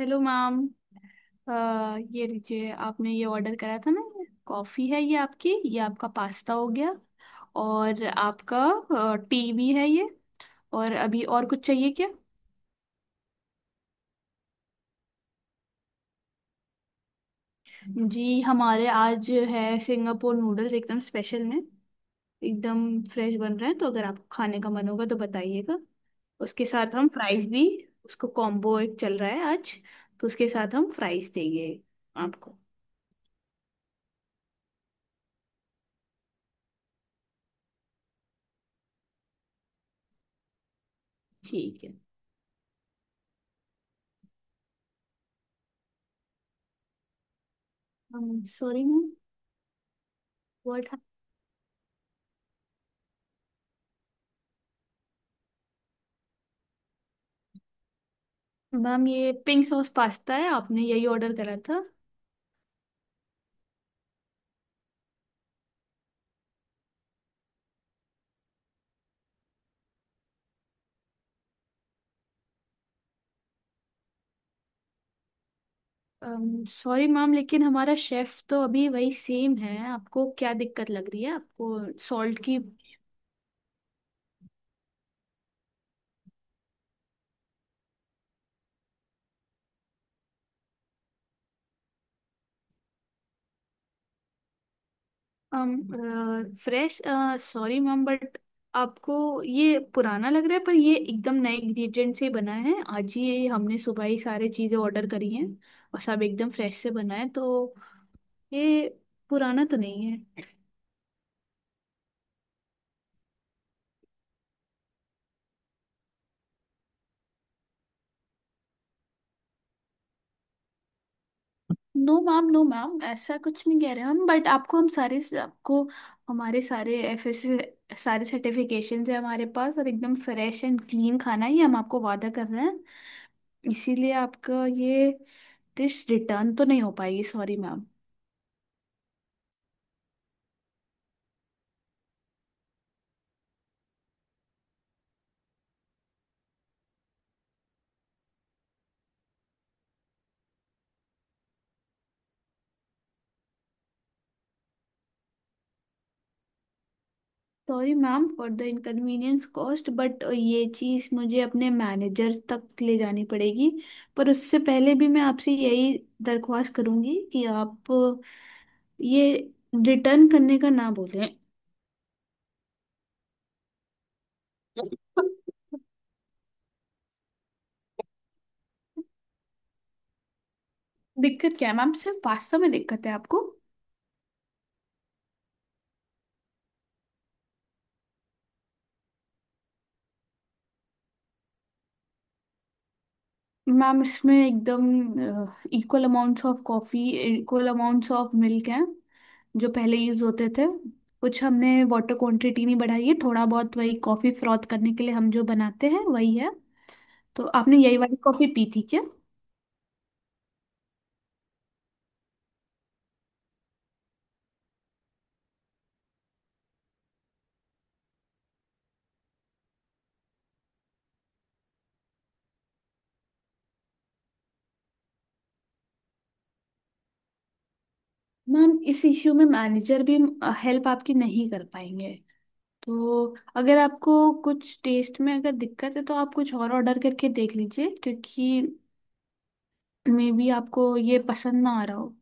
Hello ma'am. अ, ये लीजिए आपने ये ऑर्डर करा था ना, ये कॉफ़ी है, ये आपकी, ये आपका पास्ता हो गया और आपका टी भी है ये। और अभी और कुछ चाहिए क्या? जी हमारे आज है सिंगापुर नूडल्स एकदम स्पेशल में, एकदम फ्रेश बन रहे हैं, तो अगर आपको खाने का मन होगा तो बताइएगा। उसके साथ हम फ्राइज भी, उसको कॉम्बो एक चल रहा है आज तो उसके साथ हम फ्राइज देंगे आपको। ठीक है। Sorry ma'am. व्हाट? मैम ये पिंक सॉस पास्ता है, आपने यही ऑर्डर करा था। सॉरी मैम, लेकिन हमारा शेफ तो अभी वही सेम है। आपको क्या दिक्कत लग रही है? आपको सॉल्ट की? फ्रेश। सॉरी मैम बट आपको ये पुराना लग रहा है, पर ये एकदम नए इंग्रेडिएंट से बना है। आज ही ये हमने सुबह ही सारी चीज़ें ऑर्डर करी हैं और सब एकदम फ्रेश से बना है तो ये पुराना तो नहीं है। नो मैम, नो मैम, ऐसा कुछ नहीं कह रहे हम। बट आपको हम सारे, आपको हमारे सारे FS, सारे सर्टिफिकेशन है हमारे पास, और एकदम फ्रेश एंड क्लीन खाना ही हम आपको वादा कर रहे हैं। इसीलिए आपका ये डिश रिटर्न तो नहीं हो पाएगी, sorry ma'am. Sorry ma'am for the inconvenience cost, but ये चीज़ मुझे अपने मैनेजर तक ले जानी पड़ेगी। पर उससे पहले भी मैं आपसे यही दरख्वास्त करूंगी कि आप ये रिटर्न करने का ना बोलें। दिक्कत क्या है मैम? सिर्फ पास्ता में दिक्कत है आपको? मैम इसमें एकदम equal amounts of coffee, equal amounts of milk हैं जो पहले यूज़ होते थे। कुछ हमने वाटर क्वांटिटी नहीं बढ़ाई है, थोड़ा बहुत वही कॉफ़ी फ्रॉथ करने के लिए हम जो बनाते हैं वही है। तो आपने यही वाली कॉफ़ी पी थी क्या? मैम इस इश्यू में मैनेजर भी हेल्प आपकी नहीं कर पाएंगे। तो अगर आपको कुछ टेस्ट में अगर दिक्कत है तो आप कुछ और ऑर्डर करके देख लीजिए, क्योंकि मे बी आपको ये पसंद ना आ रहा हो।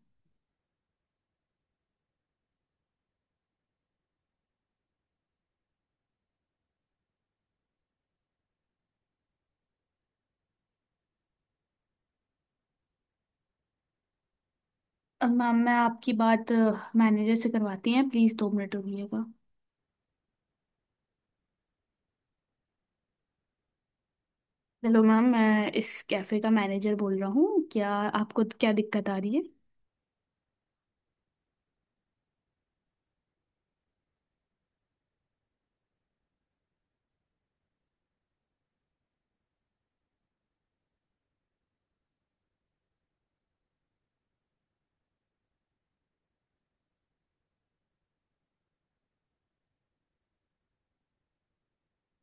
अब मैम मैं आपकी बात मैनेजर से करवाती हैं, प्लीज़ 2 मिनट रुकिएगा। हेलो मैम, मैं इस कैफ़े का मैनेजर बोल रहा हूँ। क्या आपको क्या दिक्कत आ रही है?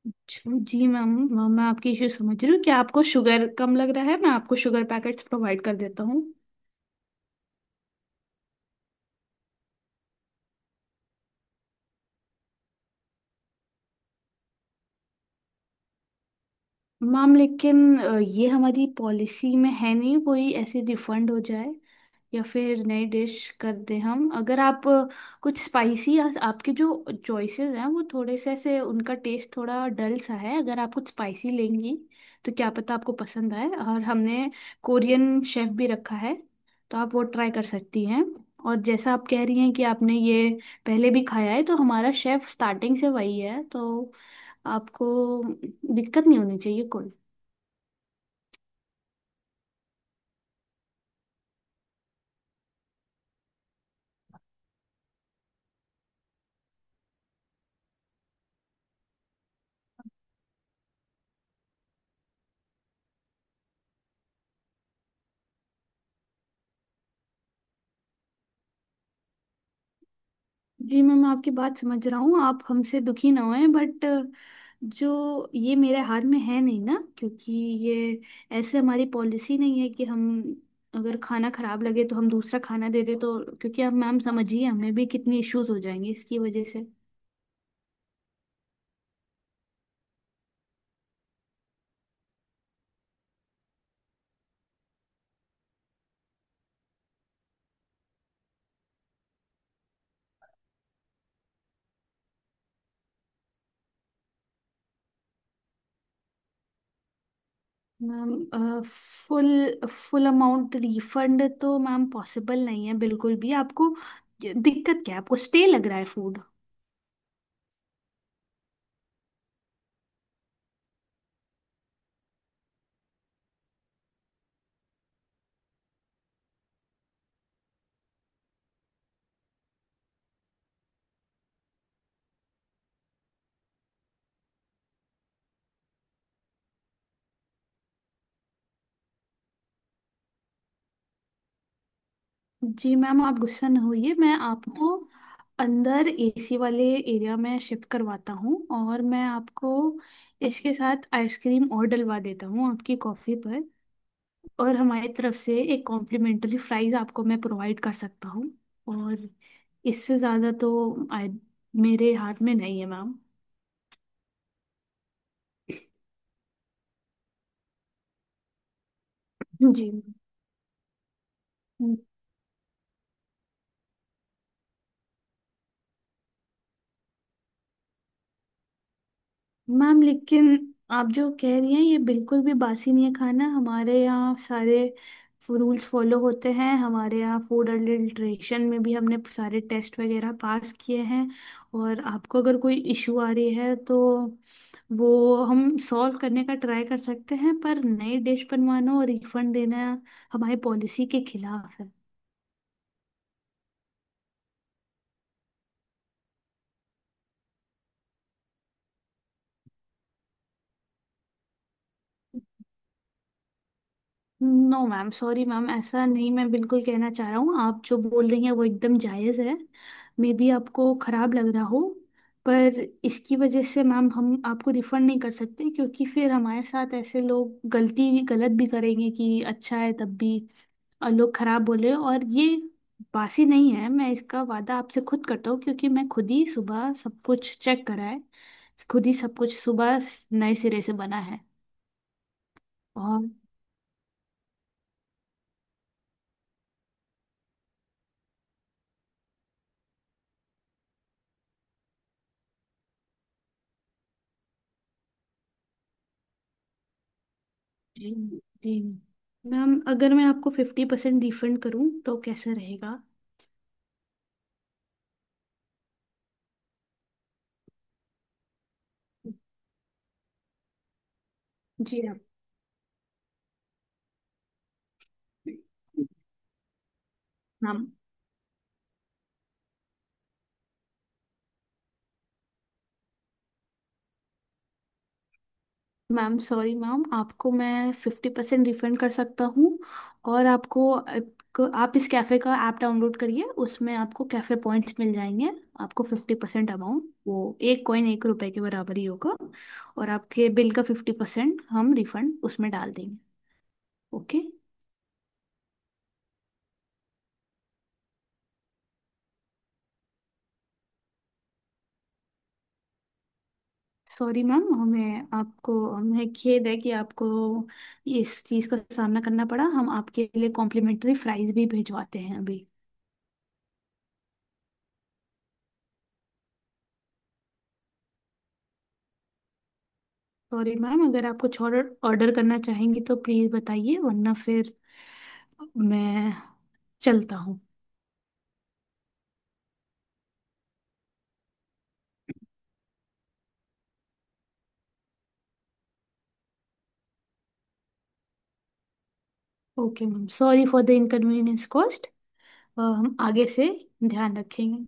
अच्छा, जी मैम। मैम मैं आपकी इशू समझ रही हूँ। क्या आपको शुगर कम लग रहा है? मैं आपको शुगर पैकेट्स प्रोवाइड कर देता हूँ। मैम लेकिन ये हमारी पॉलिसी में है नहीं कोई ऐसे रिफंड हो जाए या फिर नई डिश कर दें हम। अगर आप कुछ स्पाइसी, आपके जो चॉइसेस हैं वो थोड़े से ऐसे, उनका टेस्ट थोड़ा डल सा है। अगर आप कुछ स्पाइसी लेंगी तो क्या पता आपको पसंद आए। और हमने कोरियन शेफ भी रखा है, तो आप वो ट्राई कर सकती हैं। और जैसा आप कह रही हैं कि आपने ये पहले भी खाया है, तो हमारा शेफ स्टार्टिंग से वही है तो आपको दिक्कत नहीं होनी चाहिए कोई। जी मैम, मैं आपकी बात समझ रहा हूँ। आप हमसे दुखी ना होएं, बट जो ये मेरे हाथ में है नहीं ना, क्योंकि ये ऐसे हमारी पॉलिसी नहीं है कि हम अगर खाना खराब लगे तो हम दूसरा खाना दे दे। तो क्योंकि आप मैम समझिए, हमें भी कितनी इश्यूज हो जाएंगे इसकी वजह से। Ma'am full full amount refund तो मैम पॉसिबल नहीं है बिल्कुल भी। आपको दिक्कत क्या है? आपको स्टे लग रहा है फूड? जी मैम आप गुस्सा न होइए, मैं आपको अंदर एसी वाले एरिया में शिफ्ट करवाता हूँ, और मैं आपको इसके साथ आइसक्रीम और डलवा देता हूँ आपकी कॉफ़ी पर। और हमारी तरफ से एक कॉम्प्लीमेंट्री फ्राइज़ आपको मैं प्रोवाइड कर सकता हूँ। और इससे ज़्यादा तो I- मेरे हाथ में नहीं है मैम। जी मैम लेकिन आप जो कह रही हैं, ये बिल्कुल भी बासी नहीं है खाना। हमारे यहाँ सारे रूल्स फॉलो होते हैं, हमारे यहाँ फूड अडल्ट्रेशन में भी हमने सारे टेस्ट वगैरह पास किए हैं। और आपको अगर कोई इशू आ रही है तो वो हम सॉल्व करने का ट्राई कर सकते हैं, पर नई डिश बनवाना और रिफंड देना हमारी पॉलिसी के खिलाफ है। नो मैम, सॉरी मैम, ऐसा नहीं मैं बिल्कुल कहना चाह रहा हूँ। आप जो बोल रही हैं वो एकदम जायज़ है। मे बी आपको ख़राब लग रहा हो, पर इसकी वजह से मैम हम आपको रिफ़ंड नहीं कर सकते, क्योंकि फिर हमारे साथ ऐसे लोग गलती भी, गलत भी करेंगे कि अच्छा है तब भी और लोग ख़राब बोले। और ये बासी नहीं है, मैं इसका वादा आपसे खुद करता हूँ, क्योंकि मैं खुद ही सुबह सब कुछ चेक करा है। खुद ही सब कुछ सुबह नए सिरे से बना है। जी। जी। मैम अगर मैं आपको 50% रिफंड करूं तो कैसा रहेगा? जी आप। मैम, सॉरी मैम, आपको मैं 50% रिफंड कर सकता हूँ। और आपको, आप इस कैफ़े का ऐप डाउनलोड करिए, उसमें आपको कैफ़े पॉइंट्स मिल जाएंगे। आपको फिफ्टी परसेंट अमाउंट, वो एक कॉइन एक रुपए के बराबर ही होगा, और आपके बिल का 50% हम रिफंड उसमें डाल देंगे। ओके। सॉरी मैम, हमें आपको, हमें खेद है कि आपको इस चीज़ का सामना करना पड़ा। हम आपके लिए कॉम्प्लीमेंट्री फ्राइज भी भिजवाते हैं अभी। सॉरी मैम, अगर आप कुछ ऑर्डर ऑर्डर करना चाहेंगी तो प्लीज़ बताइए, वरना फिर मैं चलता हूँ। Okay ma'am, sorry for the inconvenience cost. हम आगे से ध्यान रखेंगे।